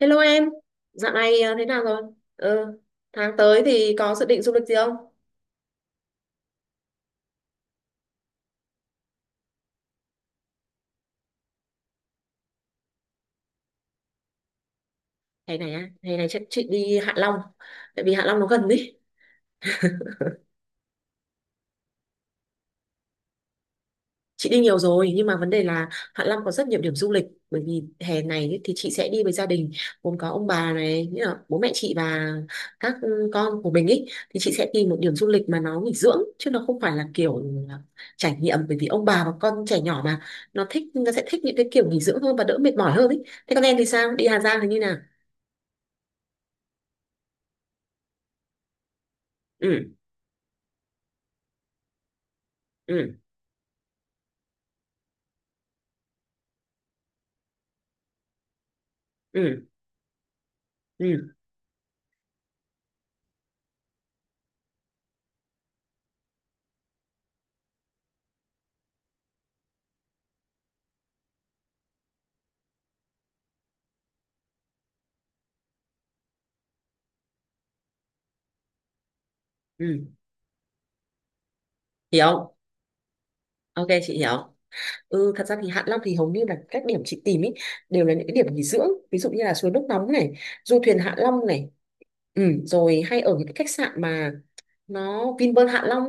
Hello em, dạo này thế nào rồi? Ừ, tháng tới thì có dự định du lịch gì không? Hè này á, hè này chắc chị đi Hạ Long, tại vì Hạ Long nó gần ý. Chị đi nhiều rồi nhưng mà vấn đề là Hạ Long có rất nhiều điểm du lịch, bởi vì hè này ấy thì chị sẽ đi với gia đình gồm có ông bà, này nghĩa là bố mẹ chị và các con của mình ấy, thì chị sẽ tìm một điểm du lịch mà nó nghỉ dưỡng chứ nó không phải là kiểu là trải nghiệm, bởi vì ông bà và con trẻ nhỏ mà, nó thích, nó sẽ thích những cái kiểu nghỉ dưỡng hơn và đỡ mệt mỏi hơn ấy. Thế con em thì sao, đi Hà Giang thì như nào? Ừ. Ừ. Ừ. Ừ. Ừ. Hiểu. Ok, chị hiểu. Ừ, thật ra thì Hạ Long thì hầu như là các điểm chị tìm ý, đều là những cái điểm nghỉ dưỡng, ví dụ như là suối nước nóng này, du thuyền Hạ Long này, ừ, rồi hay ở những cái khách sạn mà nó Vinpearl Hạ Long,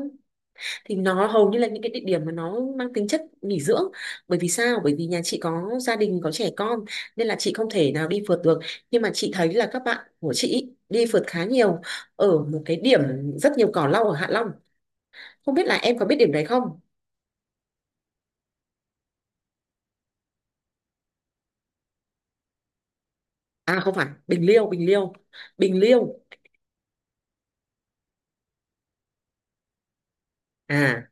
thì nó hầu như là những cái địa điểm mà nó mang tính chất nghỉ dưỡng. Bởi vì sao? Bởi vì nhà chị có gia đình, có trẻ con, nên là chị không thể nào đi phượt được. Nhưng mà chị thấy là các bạn của chị ý, đi phượt khá nhiều ở một cái điểm rất nhiều cỏ lau ở Hạ Long, không biết là em có biết điểm đấy không? À không phải, Bình Liêu Bình Liêu. À.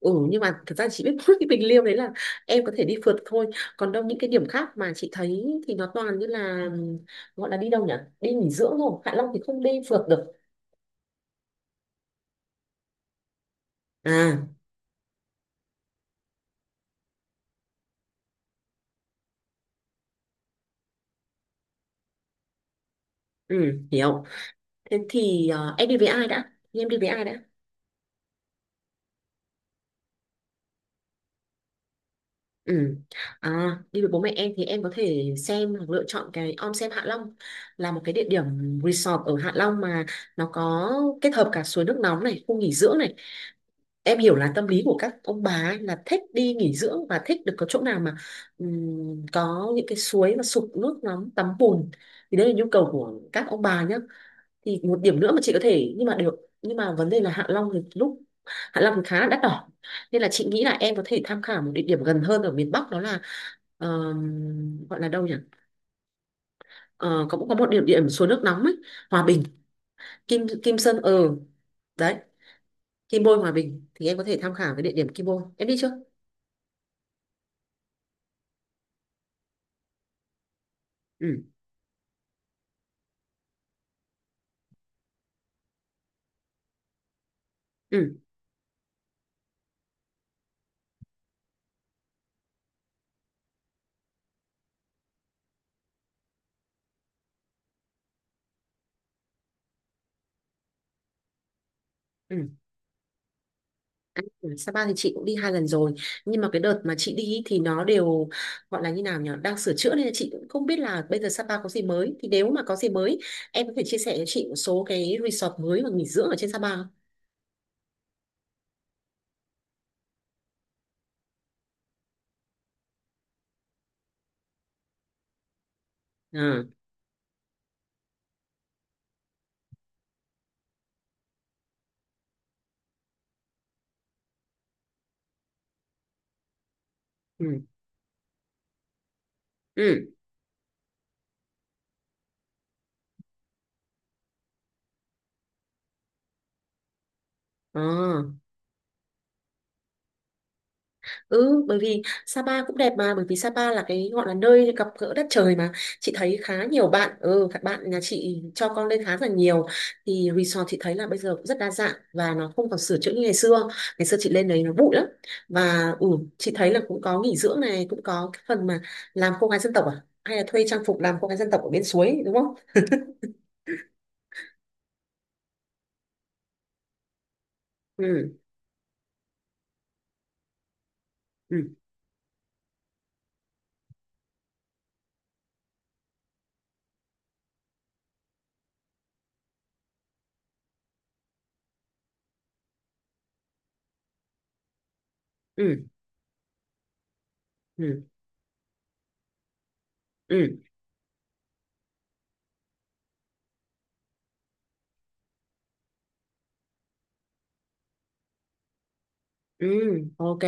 Ừ, nhưng mà thật ra chị biết mỗi cái bình liêu đấy là em có thể đi phượt thôi, còn đâu những cái điểm khác mà chị thấy thì nó toàn như là gọi là đi đâu nhỉ, đi nghỉ dưỡng thôi. Hạ Long thì không đi phượt được. À, ừ, hiểu. Thế thì em đi với ai đã, em đi với ai đã? Ừ. À, đi với bố mẹ em thì em có thể xem hoặc lựa chọn cái Om Sen Hạ Long, là một cái địa điểm resort ở Hạ Long mà nó có kết hợp cả suối nước nóng này, khu nghỉ dưỡng này. Em hiểu là tâm lý của các ông bà ấy là thích đi nghỉ dưỡng và thích được có chỗ nào mà có những cái suối mà sụp nước nóng, tắm bùn, thì đấy là nhu cầu của các ông bà nhá. Thì một điểm nữa mà chị có thể nhưng mà được, nhưng mà vấn đề là Hạ Long thì lúc Hạ Long thì khá là đắt đỏ, nên là chị nghĩ là em có thể tham khảo một địa điểm gần hơn ở miền Bắc, đó là gọi là đâu nhỉ. Ờ, có, cũng có một địa điểm suối nước nóng ấy, Hòa Bình. Kim Kim Sơn ờ, đấy, Kim Bôi. Hòa Bình thì em có thể tham khảo cái địa điểm Kim Bôi, em đi chưa? Ừ. Ừ. Ừ. À, Sapa thì chị cũng đi 2 lần rồi, nhưng mà cái đợt mà chị đi ý thì nó đều gọi là như nào nhỉ, đang sửa chữa, nên là chị cũng không biết là bây giờ Sapa có gì mới. Thì nếu mà có gì mới, em có thể chia sẻ cho chị một số cái resort mới và nghỉ dưỡng ở trên Sapa không? À, ừ, ừ, ờ. Ừ, bởi vì Sapa cũng đẹp mà, bởi vì Sapa là cái gọi là nơi gặp gỡ đất trời mà. Chị thấy khá nhiều bạn, ừ, các bạn nhà chị cho con lên khá là nhiều. Thì resort chị thấy là bây giờ cũng rất đa dạng và nó không còn sửa chữa như ngày xưa. Ngày xưa chị lên đấy nó bụi lắm. Và ừ, chị thấy là cũng có nghỉ dưỡng này, cũng có cái phần mà làm cô gái dân tộc à? Hay là thuê trang phục làm cô gái dân tộc ở bên suối, đúng không? Ừ, ừ, ừ, ừ, ừ. Ừ, ok.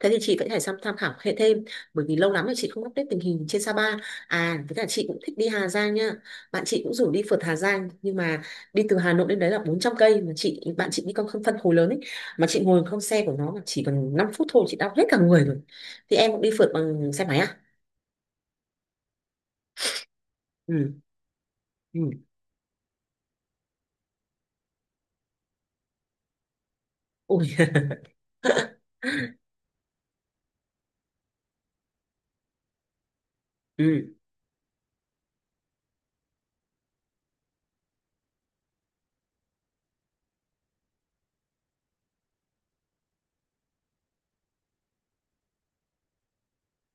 Thế thì chị vẫn phải tham tham khảo hệ thêm, bởi vì lâu lắm rồi chị không update tình hình trên Sapa. À, với cả chị cũng thích đi Hà Giang nha. Bạn chị cũng rủ đi phượt Hà Giang, nhưng mà đi từ Hà Nội đến đấy là 400 cây, mà chị bạn chị đi con không phân khối lớn ấy, mà chị ngồi không xe của nó mà chỉ cần 5 phút thôi chị đau hết cả người rồi. Thì em cũng đi phượt bằng xe máy à? Ừ. Ừ. Ui. ừ.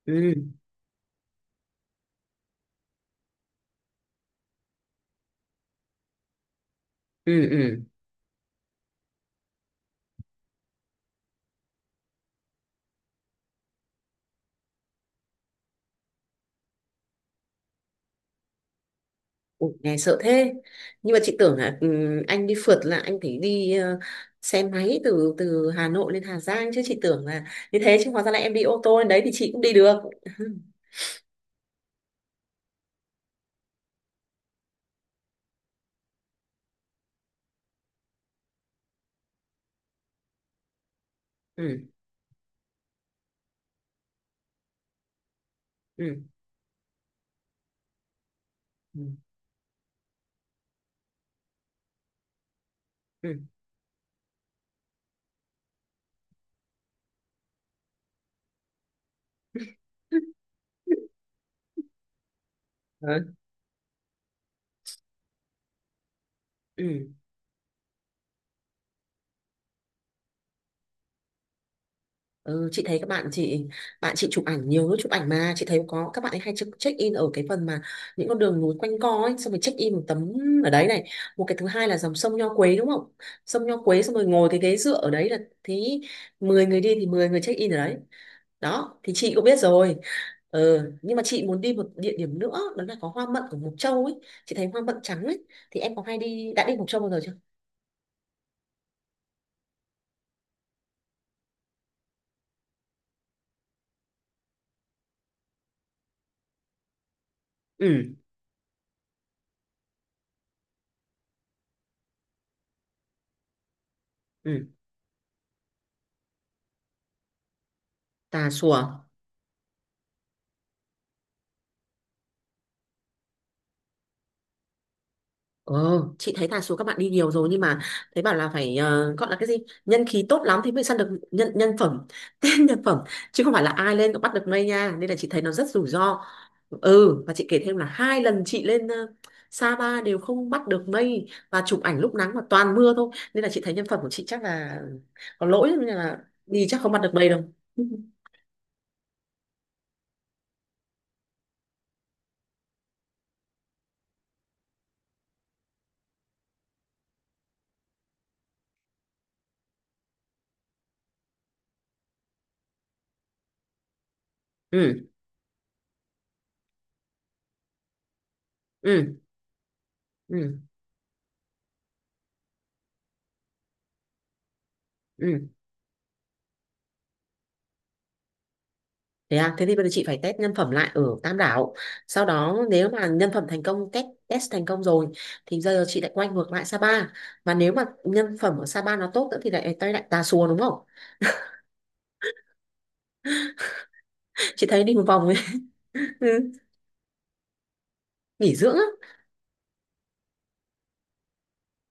Ừ. Ừ. Ừ. Ủa, nghe sợ thế, nhưng mà chị tưởng là anh đi phượt là anh phải đi xe máy từ từ Hà Nội lên Hà Giang chứ, chị tưởng là như thế chứ hóa ra là em đi ô tô lên đấy thì chị cũng đi được. Ừ. Ừ. Ừ. Ừ. Ừ. Ừ, ừ. Ừ, chị thấy các bạn chị, chụp ảnh nhiều lúc chụp ảnh mà chị thấy có các bạn ấy hay check in ở cái phần mà những con đường núi quanh co ấy, xong rồi check in một tấm ở đấy này. Một cái thứ hai là dòng sông Nho Quế, đúng không, sông Nho Quế, xong rồi ngồi cái ghế dựa ở đấy là thì 10 người đi thì 10 người check in ở đấy đó, thì chị cũng biết rồi. Ừ, nhưng mà chị muốn đi một địa điểm nữa, đó là có hoa mận của Mộc Châu ấy, chị thấy hoa mận trắng ấy, thì em có hay đi đã đi Mộc Châu bao giờ chưa? Ừ. Ừ. Tà Xùa. Ờ, chị thấy là số các bạn đi nhiều rồi, nhưng mà thấy bảo là phải gọi là cái gì, nhân khí tốt lắm thì mới săn được nhân nhân phẩm tên nhân phẩm, chứ không phải là ai lên cũng bắt được mây nha, nên là chị thấy nó rất rủi ro. Ừ, và chị kể thêm là 2 lần chị lên Sapa đều không bắt được mây và chụp ảnh lúc nắng mà toàn mưa thôi, nên là chị thấy nhân phẩm của chị chắc là có lỗi nên là đi chắc không bắt được mây đâu. Ừ. Ừ. Ừ. Ừ. Thế à, thế thì bây giờ chị phải test nhân phẩm lại ở Tam Đảo. Sau đó nếu mà nhân phẩm thành công, test test thành công rồi thì giờ chị lại quay ngược lại Sapa. Và nếu mà nhân phẩm ở Sapa nó tốt nữa thì lại tay lại Tà Xùa đúng không? Chị thấy đi một vòng ấy, Ừ, nghỉ dưỡng á.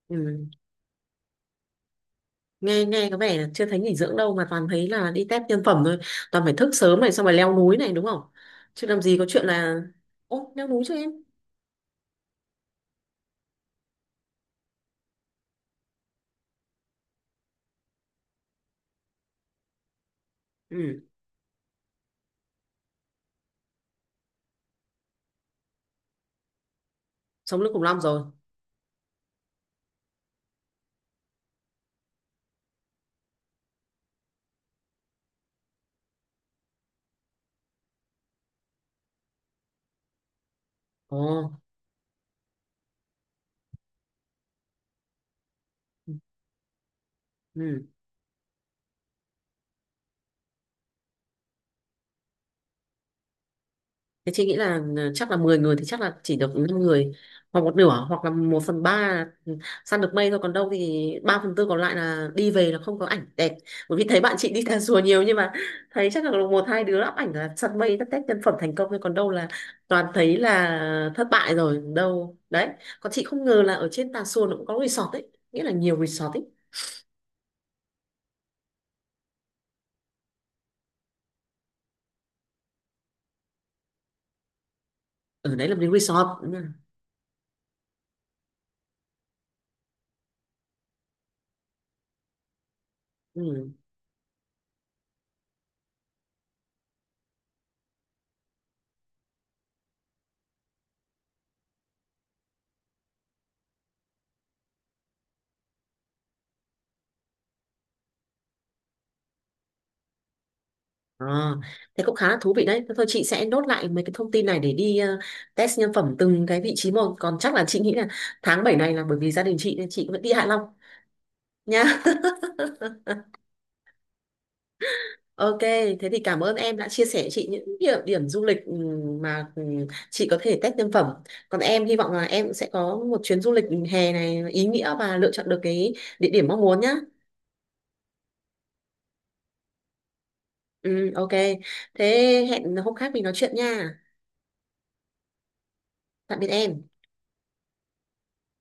Ừ. Nghe, có vẻ là chưa thấy nghỉ dưỡng đâu mà toàn thấy là đi test nhân phẩm thôi. Toàn phải thức sớm này xong rồi leo núi này đúng không? Chứ làm gì có chuyện là ô leo núi cho em. Ừ, sống lưng khủng long rồi. Ồ. Ừ. Ừ. Thế chị nghĩ là ừ, chắc là 10 người thì chắc là chỉ được 5 người, hoặc một nửa hoặc là 1/3 săn được mây thôi, còn đâu thì 3/4 còn lại là đi về là không có ảnh đẹp, bởi vì thấy bạn chị đi Tà Rùa nhiều nhưng mà thấy chắc là một hai đứa up ảnh là săn mây tất tét nhân phẩm thành công thôi, còn đâu là toàn thấy là thất bại rồi đâu đấy. Còn chị không ngờ là ở trên Tà Xùa nó cũng có resort ấy, nghĩa là nhiều resort ấy, ở đấy là một cái resort. Ừ. À, thế cũng khá là thú vị đấy. Thế thôi chị sẽ nốt lại mấy cái thông tin này để đi test nhân phẩm từng cái vị trí một. Còn chắc là chị nghĩ là tháng 7 này là bởi vì gia đình chị nên chị vẫn đi Hạ Long nha. Ok, thế thì cảm ơn em đã chia sẻ chị những địa điểm du lịch mà chị có thể test nhân phẩm. Còn em hy vọng là em cũng sẽ có một chuyến du lịch hè này ý nghĩa và lựa chọn được cái địa điểm mong muốn nhá. Ừ, ok. Thế hẹn hôm khác mình nói chuyện nha. Tạm biệt em.